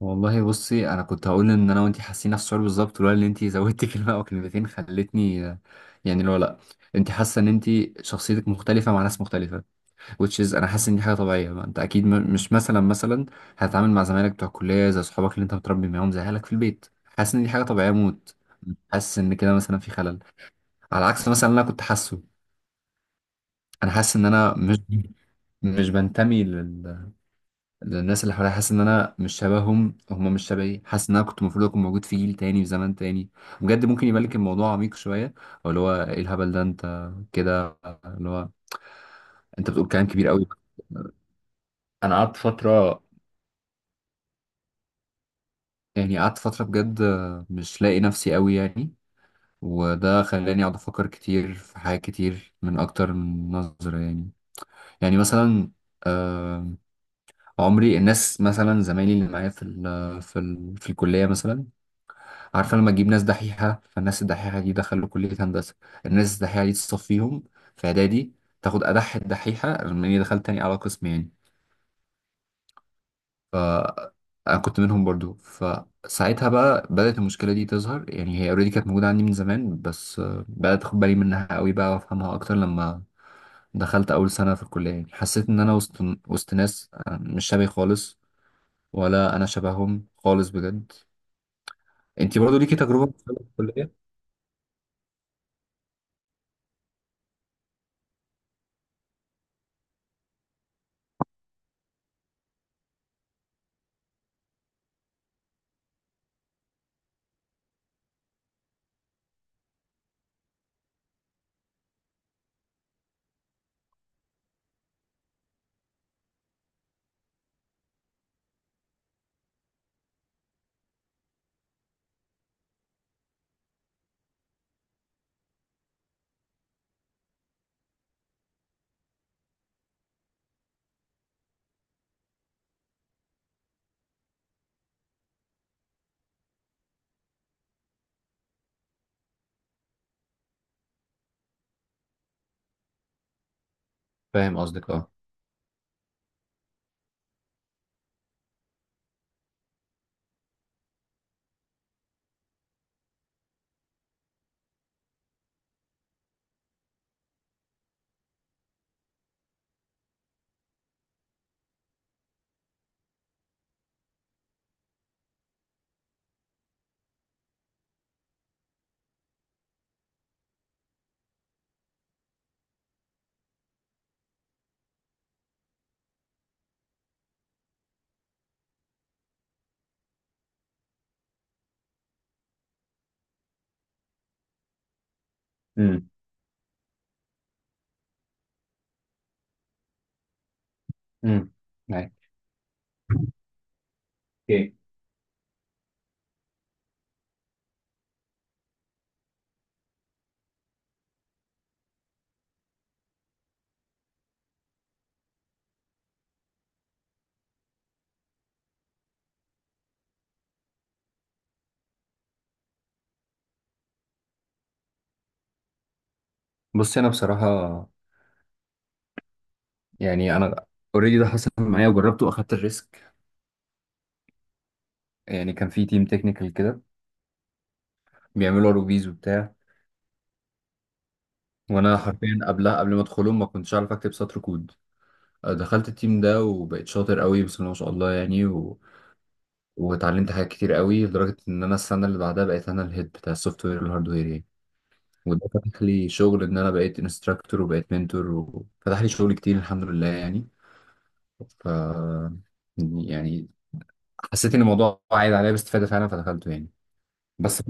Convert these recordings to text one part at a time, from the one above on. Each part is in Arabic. والله بصي انا كنت هقول ان انا وانتي حاسين نفس الشعور بالظبط، لولا ان انتي زودتي كلمه او كلمتين خلتني. يعني لو لا انتي حاسه ان انتي شخصيتك مختلفه مع ناس مختلفه. which is انا حاسس ان دي حاجه طبيعيه، ما انت اكيد مش مثلا هتتعامل مع زمايلك بتوع الكليه زي صحابك اللي انت متربي معاهم زي اهلك في البيت. حاسس ان دي حاجه طبيعيه موت. حاسس ان كده مثلا في خلل، على عكس مثلا اللي انا كنت حاسه. انا حاسس ان انا مش بنتمي. الناس اللي حواليا، حاسس ان انا مش شبههم، هم مش شبهي. حاسس ان انا كنت المفروض اكون موجود في جيل تاني، في زمان تاني. بجد ممكن يبان لك الموضوع عميق شويه، او اللي هو ايه الهبل ده انت كده. اللي هو انت بتقول كلام كبير قوي. انا قعدت فتره، يعني قعدت فتره بجد مش لاقي نفسي، قوي يعني. وده خلاني اقعد افكر كتير في حاجات كتير من اكتر من نظره يعني. يعني مثلا، آه، عمري الناس مثلا زمايلي اللي معايا في ال في ال في الكليه مثلا. عارفة لما تجيب ناس دحيحة، فالناس الدحيحة دي دخلوا كلية هندسة. الناس الدحيحة دي تصفيهم في إعدادي، تاخد أدح الدحيحة، لما إني دخلت تاني على قسم يعني. ف أنا كنت منهم برضو، فساعتها بقى بدأت المشكلة دي تظهر. يعني هي أوريدي كانت موجودة عندي من زمان، بس بدأت أخد بالي منها قوي بقى وأفهمها أكتر لما دخلت أول سنة في الكلية. يعني حسيت إن أنا وسط وسط ناس مش شبهي خالص، ولا أنا شبههم خالص بجد. أنتي برضو ليكي تجربة في الكلية؟ فاهم قصدك. اه. امم. معاك. اوكي. بص انا بصراحه، يعني انا، اوريدي ده حصل معايا وجربته واخدت الريسك. يعني كان في تيم تكنيكال كده بيعملوا روبيز وبتاع. وانا حرفيا قبلها، قبل ما ادخلهم، ما كنتش اعرف اكتب سطر كود. دخلت التيم ده وبقيت شاطر قوي، بسم الله ما شاء الله، يعني و... واتعلمت حاجات كتير قوي، لدرجه ان انا السنه اللي بعدها بقيت انا الهيد بتاع السوفت وير والهاردوير يعني. وده فتح لي شغل ان انا بقيت انستراكتور وبقيت منتور، وفتح لي شغل كتير الحمد لله يعني. ف يعني حسيت ان الموضوع عايد عليا باستفاده فعلا، فدخلته يعني. بس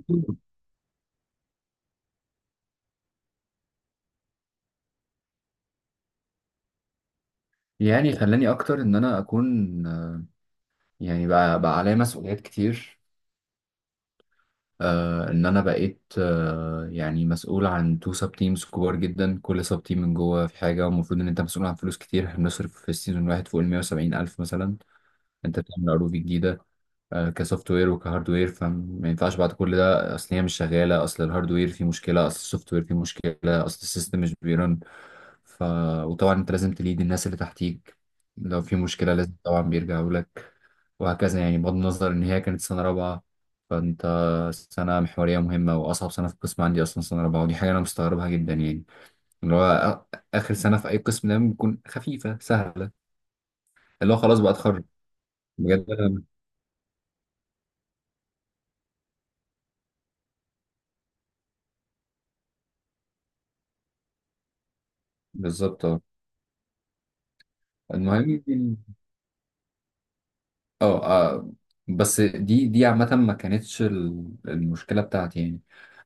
يعني خلاني اكتر ان انا اكون يعني بقى عليا مسؤوليات كتير. آه ان انا بقيت مسؤول عن تو سب تيمز كبار جدا، كل سب تيم من جوه في حاجه، والمفروض ان انت مسؤول عن فلوس كتير. احنا بنصرف في السيزون الواحد فوق ال 170 الف مثلا. انت بتعمل عروض جديده، آه كسوفت وير وكهارد وير، فما ينفعش بعد كل ده اصل هي مش شغاله، اصل الهارد وير فيه مشكله، اصل السوفت وير فيه مشكله، اصل السيستم مش بيرن. ف... وطبعا انت لازم تليد الناس اللي تحتيك. لو في مشكلة لازم طبعا بيرجعوا لك، وهكذا. يعني بغض النظر ان هي كانت سنة رابعة، فانت سنة محورية مهمة واصعب سنة في القسم عندي اصلا سنة رابعة. ودي حاجة انا مستغربها جدا يعني، اللي هو اخر سنة في اي قسم دايما بتكون خفيفة سهلة، اللي هو خلاص بقى اتخرج. بجد أنا- بالظبط اه. المهم يعني- اه. بس دي عامة، ما كانتش المشكلة بتاعتي يعني.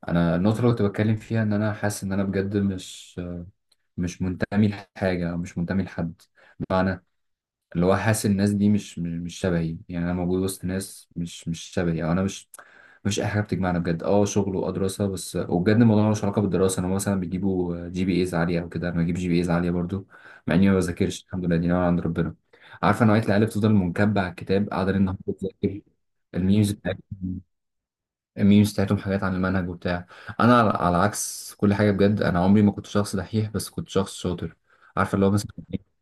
انا النقطه اللي كنت بتكلم فيها ان انا حاسس ان انا بجد مش منتمي لحاجة، أو مش منتمي لحد. بمعنى اللي هو حاسس الناس دي مش شبهي. يعني أنا موجود وسط ناس مش شبهي، أو أنا مش. مفيش أي حاجة بتجمعنا بجد، أه شغل وأه دراسة بس. وبجد الموضوع ملوش علاقة بالدراسة. أنا مثلا بيجيبوا جي بي إيز عالية أو كده، أنا بجيب جي بي إيز عالية برضو مع إني ما بذاكرش، الحمد لله دي نعمة عند ربنا. عارفة نوعية العيال اللي بتفضل منكبة على الكتاب، قاعدة ليل نهار بتذاكر. الميمز بتاعتهم، الميمز بتاعتهم حاجات عن المنهج وبتاع. انا على عكس كل حاجه بجد، انا عمري ما كنت شخص دحيح، بس كنت شخص شاطر. عارفه اللي هو مثلا إيه؟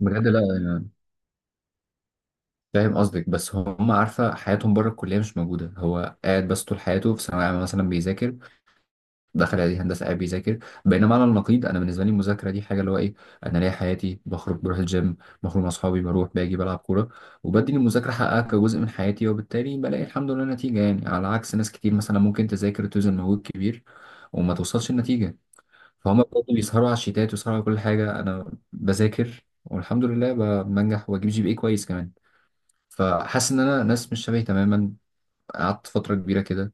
بجد لا. يعني فاهم قصدك، بس هم عارفه حياتهم بره الكليه مش موجوده. هو قاعد بس طول حياته في ثانويه عامه مثلا بيذاكر، دخل عليه هندسه قاعد بيذاكر. بينما على النقيض انا بالنسبه لي المذاكره دي حاجه اللي هو ايه. انا ليا حياتي، بخرج بروح الجيم، بخرج مع اصحابي، بروح باجي بلعب كوره، وبدي المذاكره حقها كجزء من حياتي. وبالتالي بلاقي الحمد لله نتيجه، يعني على عكس ناس كتير مثلا ممكن تذاكر وتبذل مجهود كبير وما توصلش النتيجة. فهم بجد بيسهروا على الشيتات ويسهروا على كل حاجة، أنا بذاكر والحمد لله بنجح وبجيب جي بي اي كويس كمان. فحاسس إن أنا ناس مش شبهي تماما. قعدت فترة كبيرة كده،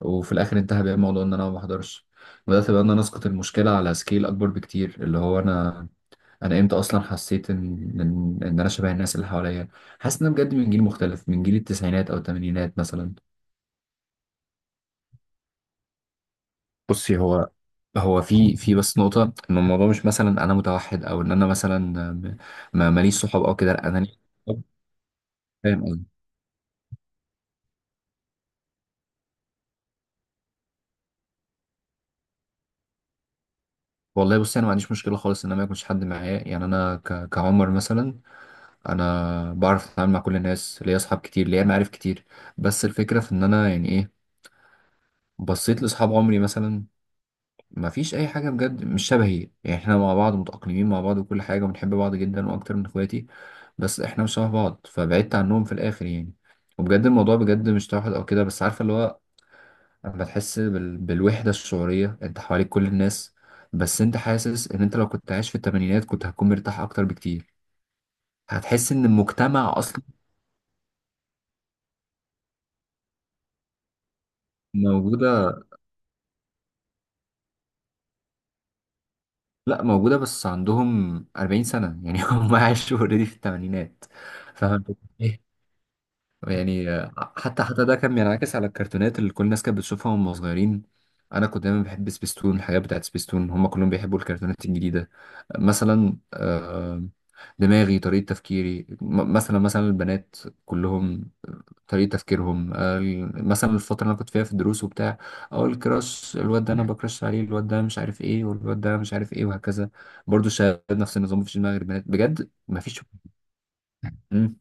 وفي الاخر انتهى بيا الموضوع ان انا ما بحضرش. بدات بقى ان انا اسقط المشكله على سكيل اكبر بكتير، اللي هو انا، انا امتى اصلا حسيت ان إن انا شبه الناس اللي حواليا. حاسس ان انا بجد من جيل مختلف، من جيل التسعينات او الثمانينات مثلا. بصي هو، هو في بس نقطه، ان الموضوع مش مثلا انا متوحد، او ان انا مثلا م- ما ماليش صحاب او كده. لا انا ليا صحاب. فاهم قصدي. والله بصي انا ما عنديش مشكله خالص ان انا ما يكونش حد معايا، يعني انا كعمر مثلا انا بعرف اتعامل مع كل الناس، ليا اصحاب كتير، ليا معارف كتير. بس الفكره في ان انا يعني ايه، بصيت لاصحاب عمري مثلا ما فيش اي حاجه بجد مش شبهي. يعني احنا مع بعض متاقلمين مع بعض وكل حاجه، وبنحب بعض جدا واكتر من اخواتي، بس احنا مش شبه بعض، فبعدت عنهم في الاخر يعني. وبجد الموضوع بجد مش توحد او كده، بس عارفه اللي هو، اما تحس بالوحده الشعوريه، انت حواليك كل الناس، بس انت حاسس ان انت لو كنت عايش في الثمانينات كنت هتكون مرتاح اكتر بكتير. هتحس ان المجتمع اصلا موجودة. لا موجودة، بس عندهم 40 سنة يعني هم عاشوا اوريدي في الثمانينات. فاهم الفكرة؟ إيه؟ يعني حتى حتى ده كان بينعكس على الكرتونات اللي كل الناس كانت بتشوفها وهم صغيرين. انا كنت دايما بحب سبيستون، الحاجات بتاعت سبيستون. هم كلهم بيحبوا الكرتونات الجديدة مثلا. دماغي طريقة تفكيري مثلا، مثلا البنات كلهم طريقة تفكيرهم، مثلا الفترة اللي أنا كنت فيها في الدروس وبتاع، أقول الكراش الواد ده أنا بكراش عليه، الواد ده مش عارف إيه، والواد ده مش عارف إيه، وهكذا. برضو الشباب نفس النظام، مفيش دماغ غير بنات بجد مفيش. مم.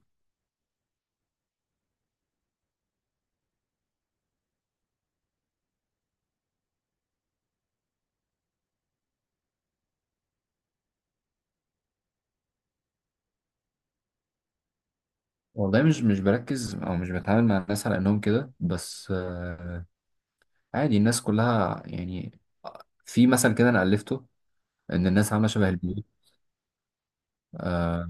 والله مش مش بركز أو مش بتعامل مع الناس على إنهم كده، بس عادي الناس كلها يعني. في مثل كده أنا ألفته، إن الناس عاملة شبه البيوت. آه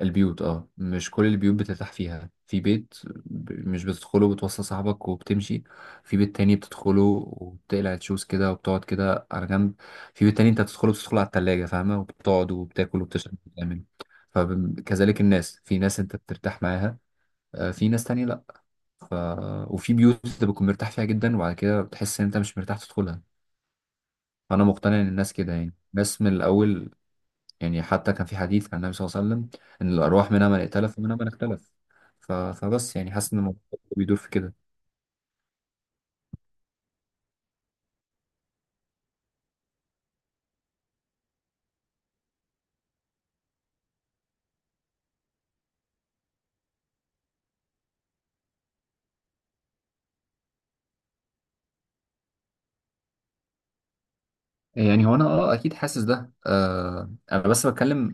البيوت. اه مش كل البيوت بترتاح فيها. في بيت مش بتدخله، بتوصل صاحبك وبتمشي. في بيت تاني بتدخله وبتقلع الشوز كده وبتقعد كده على جنب. في بيت تاني انت بتدخله، بتدخله على التلاجة فاهمة، وبتقعد وبتاكل وبتشرب وبتعمل. فكذلك الناس، في ناس انت بترتاح معاها، في ناس تانية لأ. ف... وفي بيوت انت بتكون مرتاح فيها جدا، وبعد كده بتحس ان انت مش مرتاح تدخلها. فأنا مقتنع ان الناس كده يعني، الناس من الأول. يعني حتى كان في حديث عن النبي صلى الله عليه وسلم ان الارواح منها من ائتلف ومنها من اختلف. فبس يعني حاسس ان الموضوع بيدور في كده يعني. هو انا اه اكيد حاسس ده، آه انا بس بتكلم.